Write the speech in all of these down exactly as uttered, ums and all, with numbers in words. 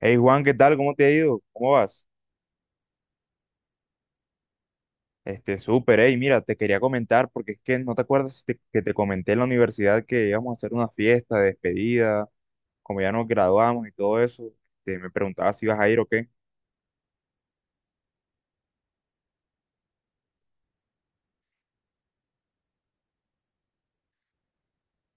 Hey Juan, ¿qué tal? ¿Cómo te ha ido? ¿Cómo vas? Este, súper, hey, mira, te quería comentar porque es que no te acuerdas te- que te comenté en la universidad que íbamos a hacer una fiesta de despedida, como ya nos graduamos y todo eso, este, me preguntaba si ibas a ir o qué.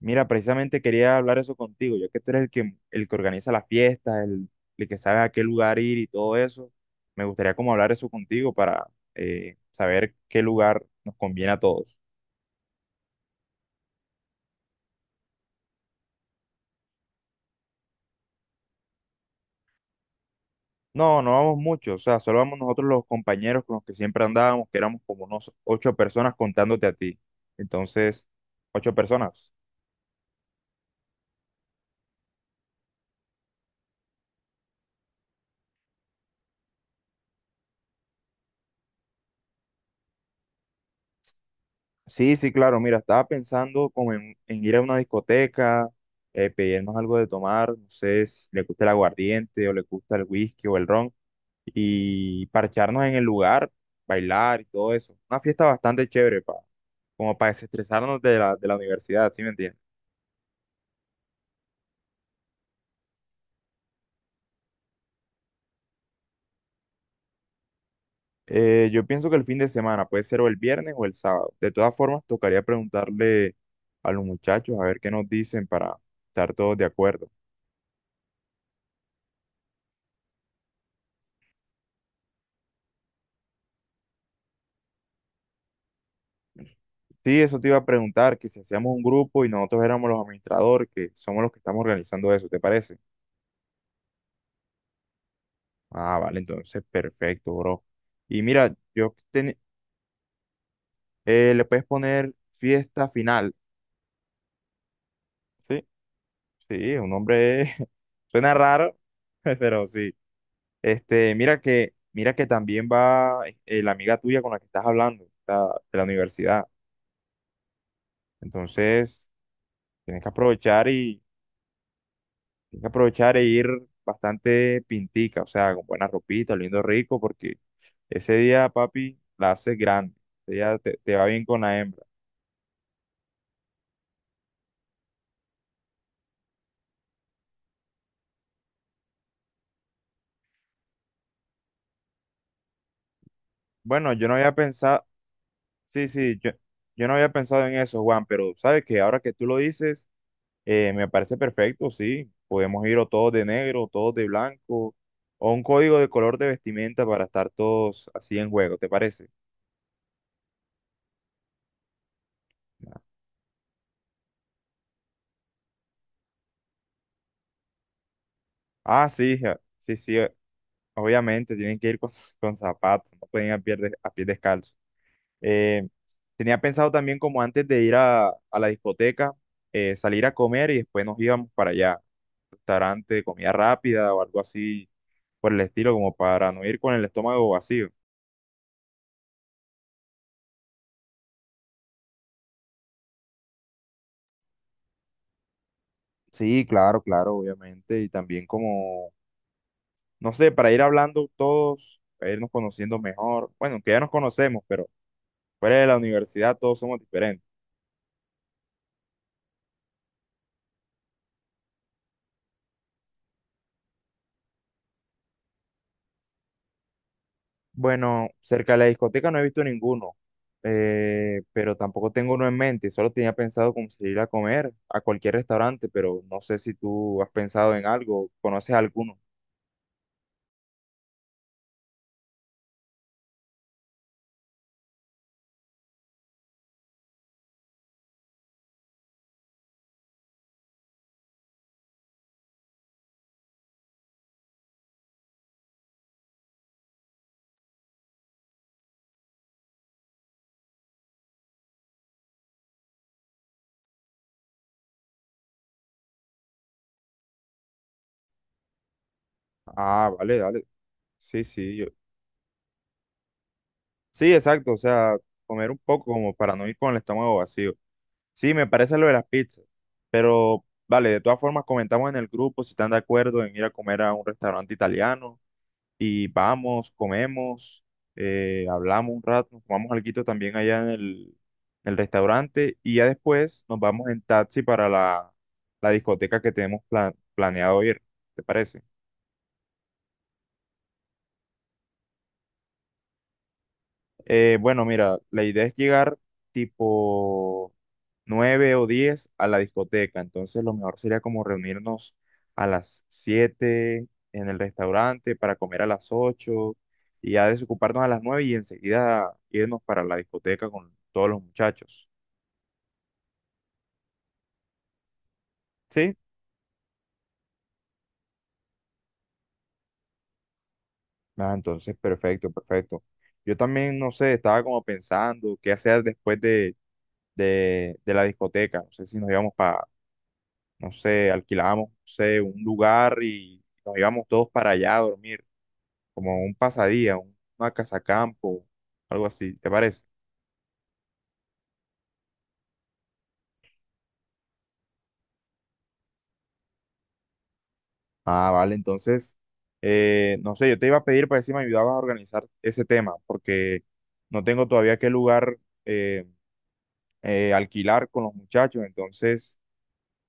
Mira, precisamente quería hablar eso contigo, ya que tú eres el que, el que organiza las fiestas, el, el que sabe a qué lugar ir y todo eso, me gustaría como hablar eso contigo para eh, saber qué lugar nos conviene a todos. No, no vamos mucho, o sea, solo vamos nosotros los compañeros con los que siempre andábamos, que éramos como unos ocho personas contándote a ti. Entonces, ocho personas. Sí, sí, claro, mira, estaba pensando como en, en, ir a una discoteca, eh, pedirnos algo de tomar, no sé si le gusta el aguardiente o le gusta el whisky o el ron, y parcharnos en el lugar, bailar y todo eso. Una fiesta bastante chévere, pa, como para desestresarnos de la, de la universidad, ¿sí me entiendes? Eh, yo pienso que el fin de semana puede ser o el viernes o el sábado. De todas formas, tocaría preguntarle a los muchachos a ver qué nos dicen para estar todos de acuerdo. Sí, eso te iba a preguntar, que si hacíamos un grupo y nosotros éramos los administradores, que somos los que estamos organizando eso, ¿te parece? Ah, vale, entonces perfecto, bro. Y mira, yo ten- eh, le puedes poner fiesta final. Sí, sí, un nombre suena raro, pero sí. Este, mira que, mira que, también va eh, la amiga tuya con la que estás hablando, la- de la universidad. Entonces, tienes que aprovechar y tienes que aprovechar e ir bastante pintica, o sea, con buena ropita, oliendo rico, porque ese día, papi, la haces grande. Ese día te, te va bien con la hembra. Bueno, yo no había pensado, sí, sí, yo, yo no había pensado en eso, Juan, pero sabes que ahora que tú lo dices, Eh, me parece perfecto, sí. Podemos ir o todos de negro, o todos de blanco, o un código de color de vestimenta para estar todos así en juego, ¿te parece? Ah, sí, ja- sí, sí, eh, obviamente tienen que ir con, con zapatos, no pueden ir a pie, de- a pie descalzo. Eh, tenía pensado también como antes de ir a, a la discoteca, eh, salir a comer y después nos íbamos para allá, restaurante, comida rápida o algo así por el estilo, como para no ir con el estómago vacío. Sí, claro, claro, obviamente. Y también como, no sé, para ir hablando todos, para irnos conociendo mejor. Bueno, que ya nos conocemos, pero fuera de la universidad todos somos diferentes. Bueno, cerca de la discoteca no he visto ninguno, eh, pero tampoco tengo uno en mente. Solo tenía pensado como salir a comer a cualquier restaurante, pero no sé si tú has pensado en algo, conoces alguno. Ah, vale, dale. Sí, sí, yo- sí, exacto, o sea, comer un poco como para no ir con el estómago vacío. Sí, me parece lo de las pizzas, pero vale, de todas formas comentamos en el grupo si están de acuerdo en ir a comer a un restaurante italiano y vamos, comemos, eh, hablamos un rato, nos tomamos alguito también allá en el, el, restaurante y ya después nos vamos en taxi para la, la discoteca que tenemos pla- planeado ir, ¿te parece? Eh, bueno, mira, la idea es llegar tipo nueve o diez a la discoteca. Entonces lo mejor sería como reunirnos a las siete en el restaurante para comer a las ocho y ya desocuparnos a las nueve y enseguida irnos para la discoteca con todos los muchachos. ¿Sí? Ah, entonces, perfecto, perfecto. Yo también, no sé, estaba como pensando qué hacer después de, de, de la discoteca. No sé si nos íbamos para, no sé, alquilábamos, no sé, un lugar y nos íbamos todos para allá a dormir. Como un pasadía, un- una casacampo, algo así, ¿te parece? Ah, vale, entonces, Eh, no sé, yo te iba a pedir para ver si me ayudabas a organizar ese tema, porque no tengo todavía qué lugar eh, eh, alquilar con los muchachos, entonces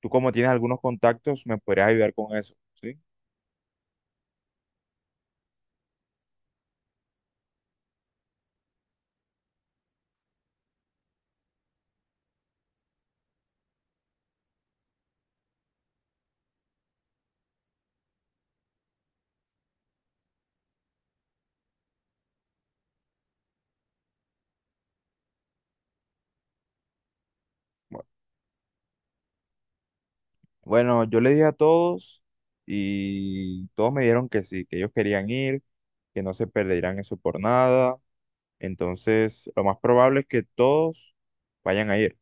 tú como tienes algunos contactos, me podrías ayudar con eso, ¿sí? Bueno, bueno, yo le dije a todos y todos me dijeron que sí, que ellos querían ir, que no se perderían eso por nada. Entonces, lo más probable es que todos vayan a ir.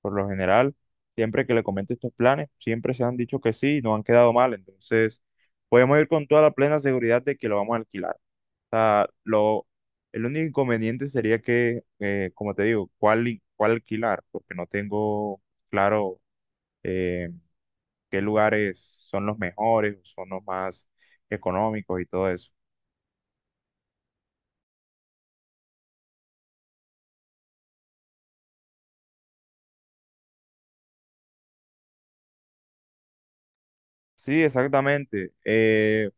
Por lo general, siempre que le comento estos planes, siempre se han dicho que sí y no han quedado mal. Entonces, podemos ir con toda la plena seguridad de que lo vamos a alquilar. O sea, lo, el único inconveniente sería que, eh, como te digo, cuál, i- cuál alquilar, porque no tengo claro eh, qué lugares son los mejores, son los más económicos y todo eso. Sí, exactamente. Eh,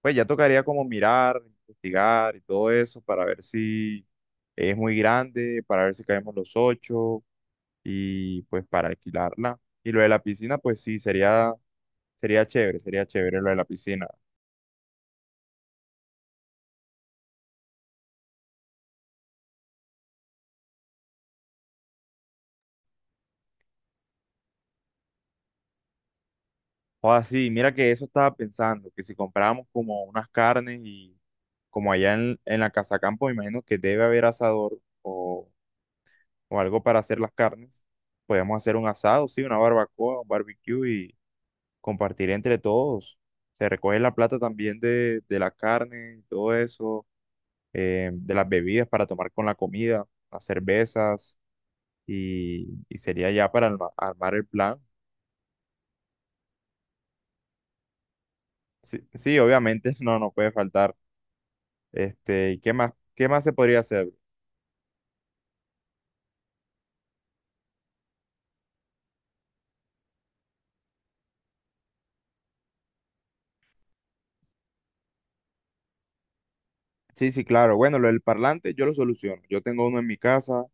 Pues ya tocaría como mirar, investigar y todo eso para ver si es muy grande, para ver si caemos los ocho y pues para alquilarla. Y lo de la piscina, pues sí, sería, sería chévere, sería chévere lo de la piscina. O así, mira que eso estaba pensando, que si comprábamos como unas carnes y como allá en, en, la casa campo, me imagino que debe haber asador o, o algo para hacer las carnes, podemos hacer un asado, sí, una barbacoa, un barbecue compartir entre todos. Se recoge la plata también de, de la carne, y todo eso, eh, de las bebidas para tomar con la comida, las cervezas, y, y sería ya para alma- armar el plan. Sí, sí, obviamente, no, no puede faltar. Este, ¿y ¿qué más, qué más se podría hacer? Sí, sí, claro. Bueno, lo del parlante yo lo soluciono. Yo tengo uno en mi casa,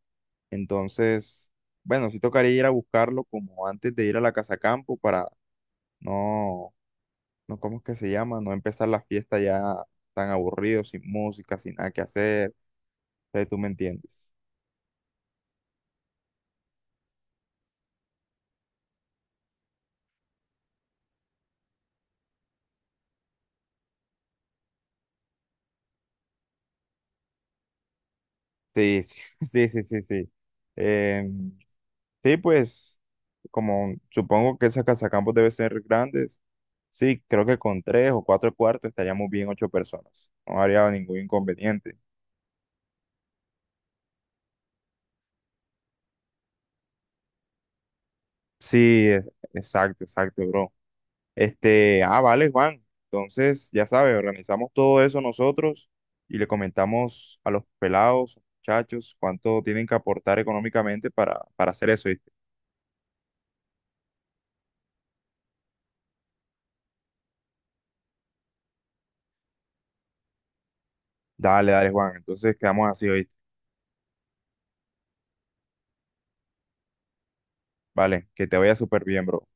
entonces, bueno, sí tocaría ir a buscarlo como antes de ir a la casa campo para no no, ¿cómo es que se llama? No empezar la fiesta ya tan aburrido, sin música, sin nada que hacer. Entonces, tú me entiendes. Sí, sí, sí, sí, sí, sí. Em, sí, pues, como supongo que esas casacampos deben ser grandes, sí, creo que con tres o cuatro cuartos estaríamos bien ocho personas. No habría ningún inconveniente. Sí, e- exacto, exacto, bro. Este, ah, vale, Juan. Entonces, ya sabes, organizamos todo eso nosotros y le comentamos a los pelados, muchachos, cuánto tienen que aportar económicamente para, para, hacer eso, ¿viste? Dale, dale, Juan. Entonces, quedamos así, ¿viste? Vale, que te vaya súper bien, bro.